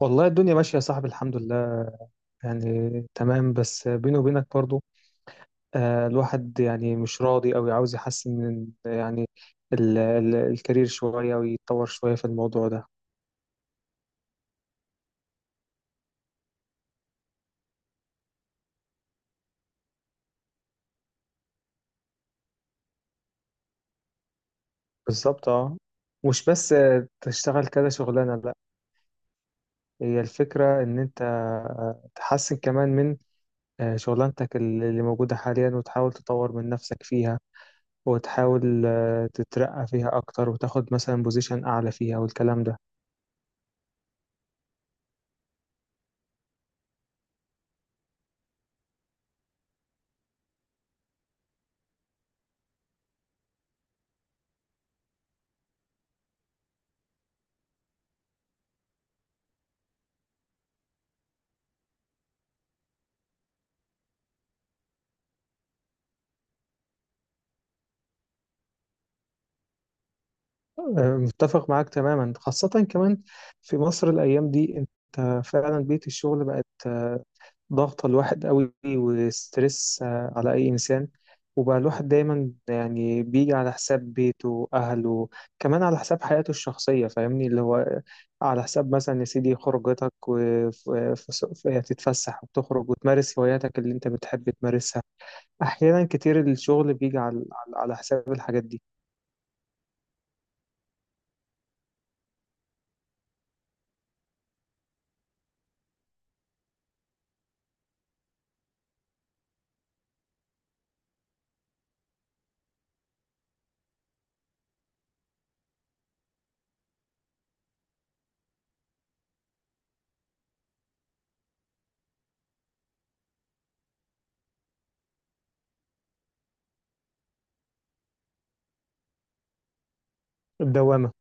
والله الدنيا ماشية يا صاحبي، الحمد لله. يعني تمام بس بيني وبينك برضو. آه، الواحد يعني مش راضي أوي، عاوز يحسن من يعني ال ال الكارير شوية ويتطور شوية في الموضوع ده. بالظبط، اه. مش بس تشتغل كذا شغلانة، لا. هي الفكرة إن أنت تحسن كمان من شغلانتك اللي موجودة حاليا، وتحاول تطور من نفسك فيها. وتحاول تترقى فيها أكتر وتاخد مثلا بوزيشن أعلى فيها والكلام ده. متفق معاك تماما، خاصة كمان في مصر الأيام دي. أنت فعلا بيئة الشغل بقت ضغطة الواحد قوي وستريس على أي إنسان. وبقى الواحد دايما يعني بيجي على حساب بيته وأهله، كمان على حساب حياته الشخصية. فاهمني، اللي هو على حساب مثلا يا سيدي خروجتك وتتفسح وتخرج وتمارس هواياتك اللي أنت بتحب تمارسها. أحيانا كتير الشغل بيجي على حساب الحاجات دي. الدوامة.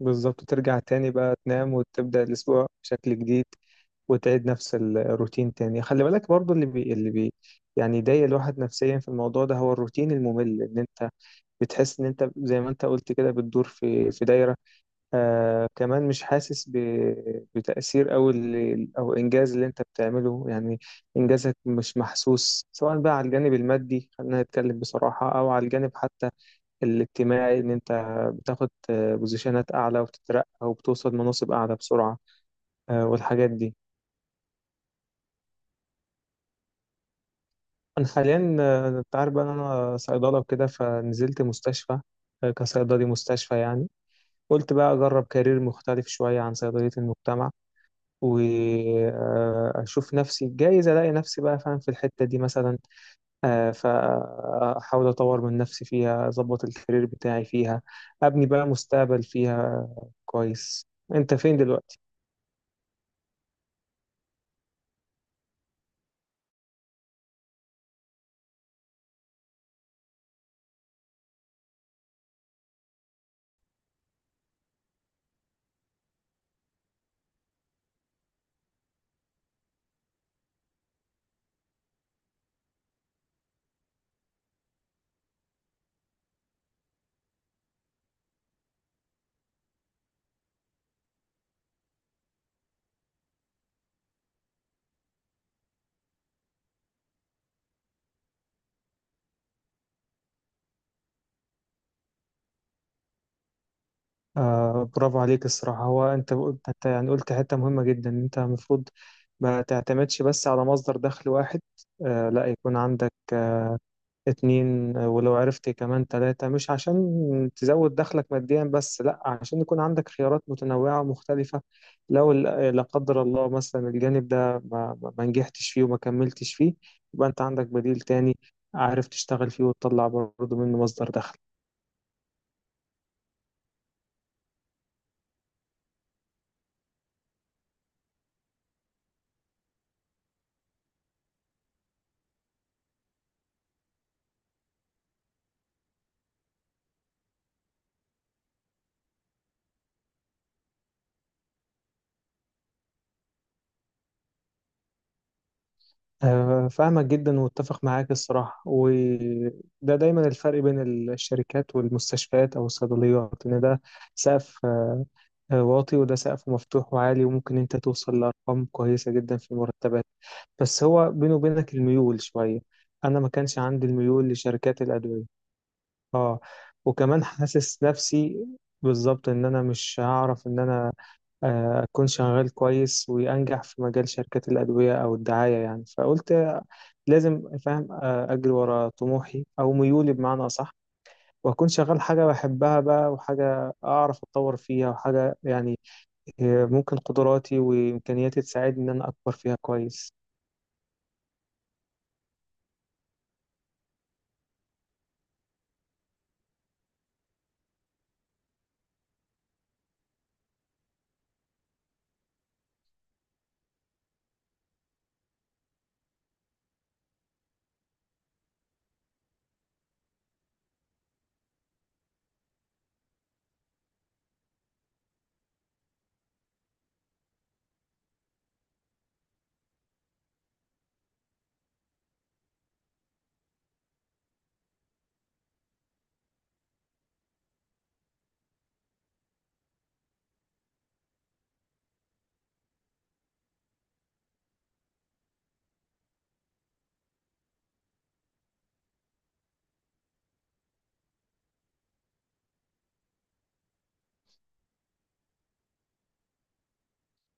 بالظبط، ترجع تاني بقى تنام وتبدأ الأسبوع بشكل جديد، وتعيد نفس الروتين تاني. خلي بالك برضو يعني يضايق الواحد نفسيا في الموضوع ده هو الروتين الممل. ان انت بتحس ان انت زي ما انت قلت كده بتدور في دايرة. كمان مش حاسس بتأثير او او انجاز اللي انت بتعمله يعني. انجازك مش محسوس سواء بقى على الجانب المادي، خلينا نتكلم بصراحة، او على الجانب حتى الاجتماعي. إن أنت بتاخد بوزيشنات أعلى وبتترقى وبتوصل مناصب أعلى بسرعة. والحاجات دي. أنا حاليا أنت عارف بقى إن أنا صيدلة وكده، فنزلت مستشفى كصيدلي مستشفى يعني. قلت بقى أجرب كارير مختلف شوية عن صيدلية المجتمع، وأشوف نفسي جايز ألاقي نفسي بقى فاهم في الحتة دي مثلا. فأحاول أطور من نفسي فيها، أظبط الكارير بتاعي فيها، أبني بقى مستقبل فيها. كويس. أنت فين دلوقتي؟ آه، برافو عليك الصراحة. هو أنت يعني قلت حتة مهمة جدا. إن أنت المفروض ما تعتمدش بس على مصدر دخل واحد. لا، يكون عندك اتنين، ولو عرفت كمان تلاتة، مش عشان تزود دخلك ماديا بس، لا، عشان يكون عندك خيارات متنوعة ومختلفة. لو لا قدر الله مثلا الجانب ده ما نجحتش فيه وما كملتش فيه، يبقى أنت عندك بديل تاني عارف تشتغل فيه وتطلع برضه منه مصدر دخل. فاهمك جدا واتفق معاك الصراحة. وده دايما الفرق بين الشركات والمستشفيات أو الصيدليات، إن ده سقف واطي، وده سقف مفتوح وعالي وممكن أنت توصل لأرقام كويسة جدا في المرتبات. بس هو بينه وبينك الميول شوية. أنا ما كانش عندي الميول لشركات الأدوية. آه، وكمان حاسس نفسي بالظبط إن أنا مش هعرف إن أنا أكون شغال كويس وأنجح في مجال شركات الأدوية أو الدعاية يعني. فقلت لازم فاهم، اجري ورا طموحي او ميولي بمعنى اصح. واكون شغال حاجه بحبها بقى، وحاجه اعرف اتطور فيها، وحاجه يعني ممكن قدراتي وامكانياتي تساعدني ان انا اكبر فيها كويس.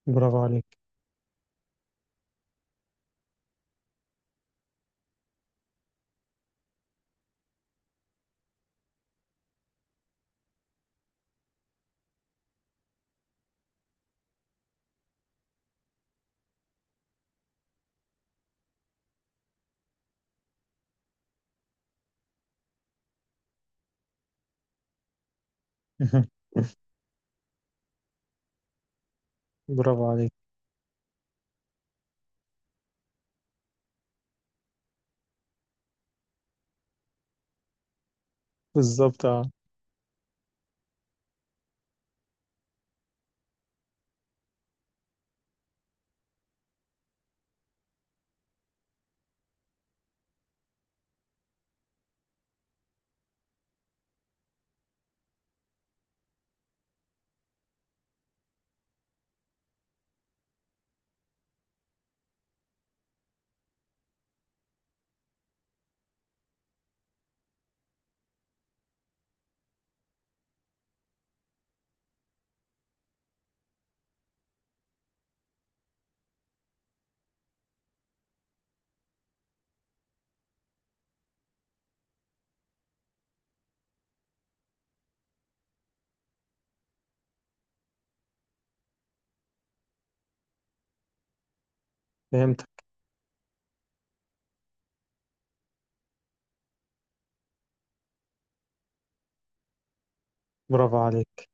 برافو عليك. برافو عليك. بالظبط، اه. فهمتك. برافو عليك.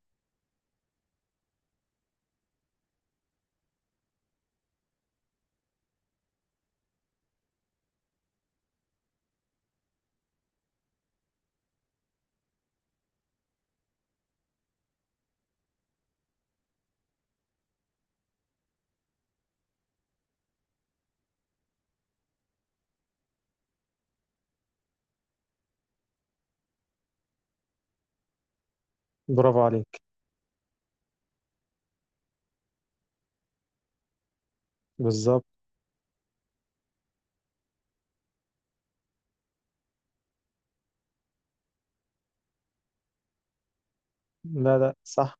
برافو عليك. بالظبط. لا لا، صح.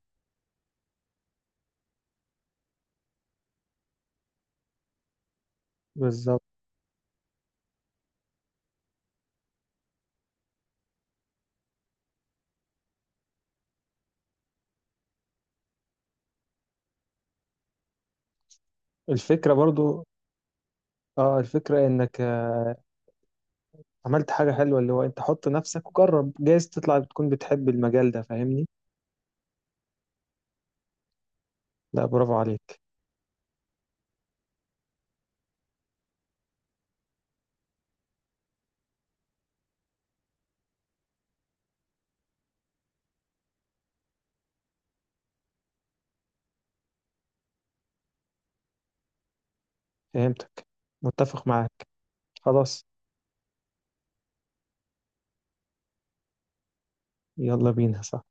بالظبط. الفكرة برضو، اه، الفكرة انك عملت حاجة حلوة. اللي هو انت حط نفسك وجرب، جايز تطلع بتكون بتحب المجال ده، فاهمني. لا، برافو عليك. فهمتك. متفق معاك. خلاص. يلا بينا، صح.